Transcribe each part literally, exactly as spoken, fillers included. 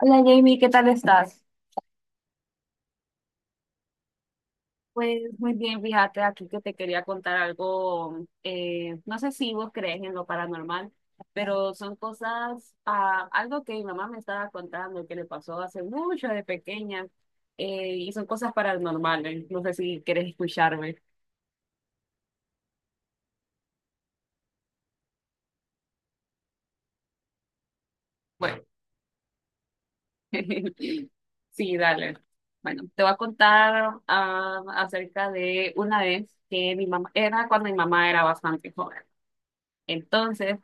Hola Jamie, ¿qué tal estás? Pues muy bien, fíjate aquí que te quería contar algo, eh, no sé si vos crees en lo paranormal, pero son cosas, ah, algo que mi mamá me estaba contando que le pasó hace mucho de pequeña, eh, y son cosas paranormales, no sé si quieres escucharme. Bueno, sí, dale. Bueno, te voy a contar, ah, acerca de una vez que mi mamá, era cuando mi mamá era bastante joven. Entonces,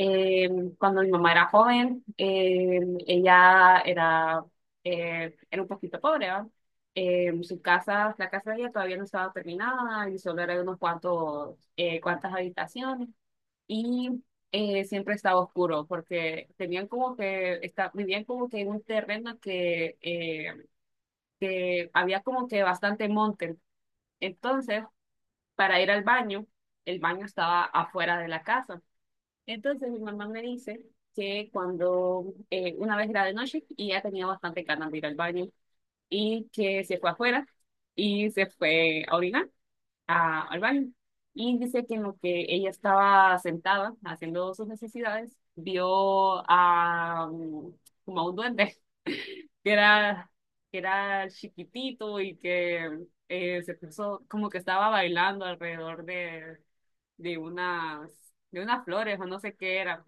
Eh, cuando mi mamá era joven, eh, ella era, eh, era un poquito pobre, ¿va? Eh, su casa, la casa de ella todavía no estaba terminada y solo eran unos cuantos, eh, cuantas habitaciones. Y eh, siempre estaba oscuro porque tenían como que, está, vivían como que en un terreno que, eh, que había como que bastante monte. Entonces, para ir al baño, el baño estaba afuera de la casa. Entonces mi mamá me dice que cuando eh, una vez era de noche y ya tenía bastante ganas de ir al baño y que se fue afuera y se fue a orinar a- al baño. Y dice que en lo que ella estaba sentada haciendo sus necesidades, vio a, mm, como a un duende que era, que era chiquitito y que eh, se puso como que estaba bailando alrededor de, de unas, de unas flores o no sé qué era.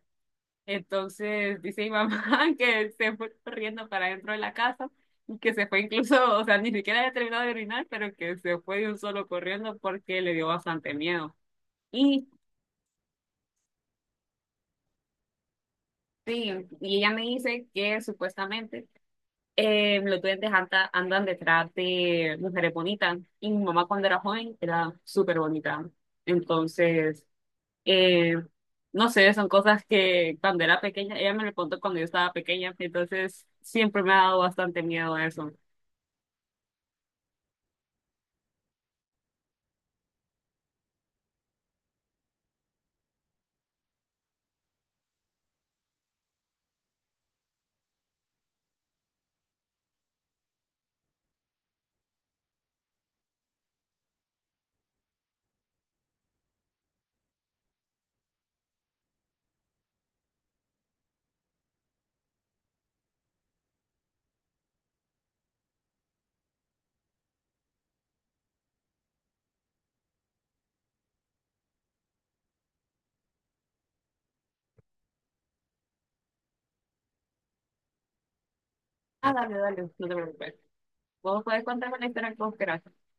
Entonces dice mi mamá que se fue corriendo para dentro de la casa y que se fue incluso, o sea, ni siquiera había terminado de orinar, pero que se fue de un solo corriendo porque le dio bastante miedo. Y sí, y ella me dice que supuestamente eh, los duendes anda- andan detrás de mujeres bonitas y mi mamá cuando era joven era súper bonita. Entonces... Eh, no sé, son cosas que cuando era pequeña, ella me lo contó cuando yo estaba pequeña, entonces siempre me ha dado bastante miedo eso. Ah, dale, dale, no te preocupes. Vos podés contarme la historia como quieras.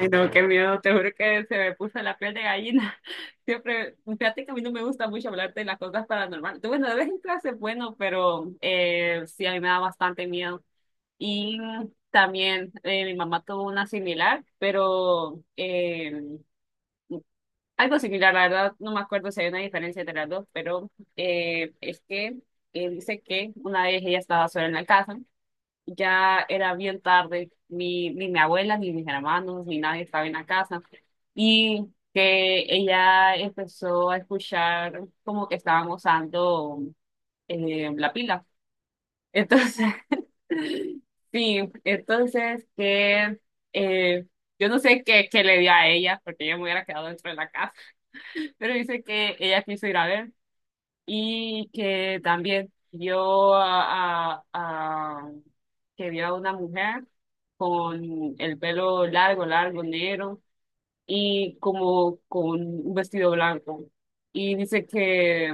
Ay, no, qué miedo, te juro que se me puso la piel de gallina. Siempre, fíjate que a mí no me gusta mucho hablar de las cosas paranormales. Tú, bueno, de vez en clase es bueno, pero eh, sí, a mí me da bastante miedo. Y también eh, mi mamá tuvo una similar, pero eh, algo similar, la verdad, no me acuerdo si hay una diferencia entre las dos, pero eh, es que eh, dice que una vez ella estaba sola en la casa, ya era bien tarde, ni, ni mi abuela, ni mis hermanos, ni nadie estaba en la casa, y que ella empezó a escuchar como que estaban usando eh, la pila. Entonces, sí, entonces que eh, yo no sé qué, qué le dio a ella, porque yo me hubiera quedado dentro de la casa, pero dice que ella quiso ir a ver y que también vio a, a- a- que vio a una mujer con el pelo largo, largo, negro, y como con un vestido blanco. Y dice que,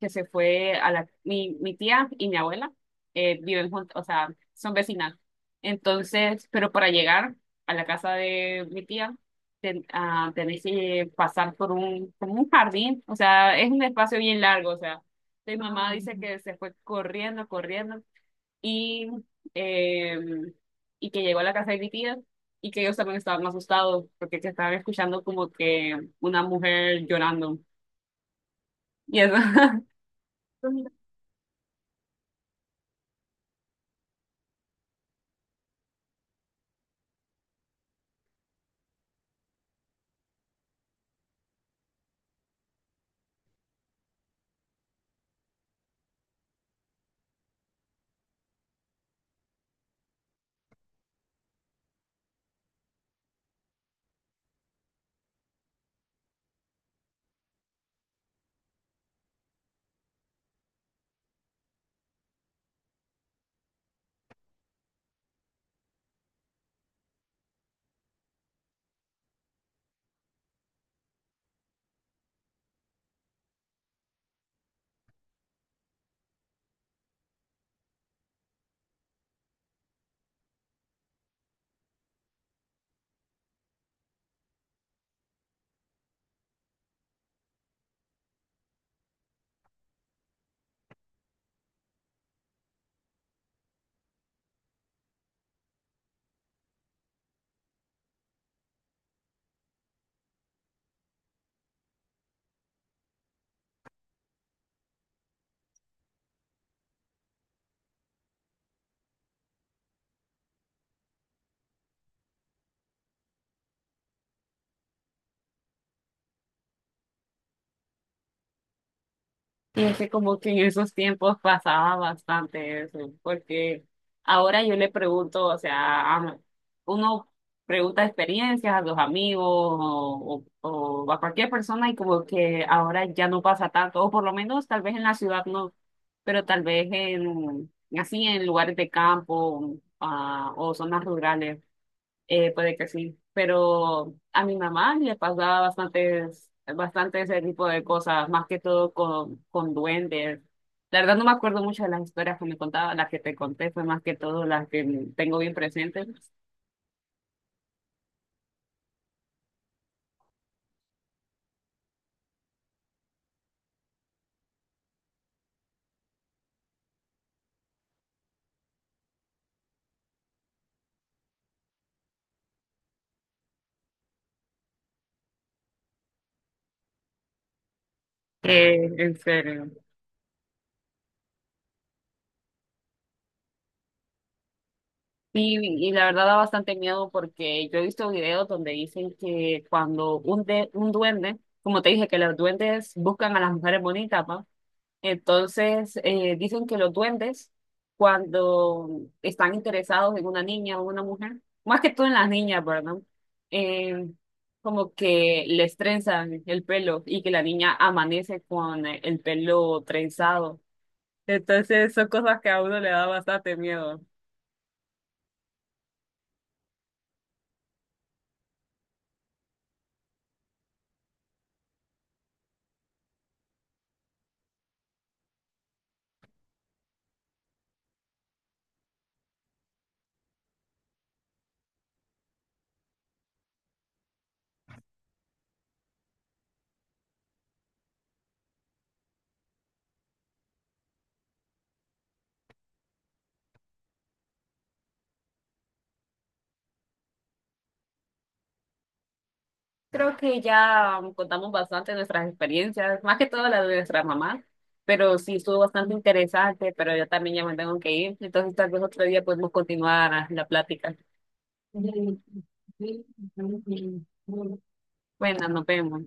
que se fue a la, mi, mi tía y mi abuela eh, viven juntas, o sea, son vecinas. Entonces, pero para llegar a la casa de mi tía, ten- ah, tenés que pasar por un, como un jardín, o sea, es un espacio bien largo, o sea, mi mamá dice que se fue corriendo, corriendo y, eh, y que llegó a la casa de mi tía y que ellos también estaban asustados porque que estaban escuchando como que una mujer llorando. Y eso. Y es que como que en esos tiempos pasaba bastante eso, porque ahora yo le pregunto, o sea, a- uno pregunta experiencias a los amigos o, o- o a cualquier persona y como que ahora ya no pasa tanto, o por lo menos tal vez en la ciudad no, pero tal vez en, así en lugares de campo, ah, o zonas rurales eh, puede que sí, pero a mi mamá le pasaba bastantes, bastante ese tipo de cosas, más que todo con, con duendes. La verdad no me acuerdo mucho de las historias que me contaba, las que te conté fue más que todo las que tengo bien presentes. Eh, en serio. Y, y la verdad da bastante miedo porque yo he visto videos donde dicen que cuando un, de, un duende, como te dije, que los duendes buscan a las mujeres bonitas, ¿va? Entonces, eh, dicen que los duendes, cuando están interesados en una niña o una mujer, más que todo en las niñas, ¿verdad? Eh, Como que les trenzan el pelo y que la niña amanece con el pelo trenzado. Entonces, son cosas que a uno le da bastante miedo. Creo que ya um, contamos bastante nuestras experiencias, más que todo la de nuestra mamá, pero sí estuvo bastante interesante, pero yo también ya me tengo que ir, entonces tal vez otro día podemos continuar la plática. Bueno, nos vemos.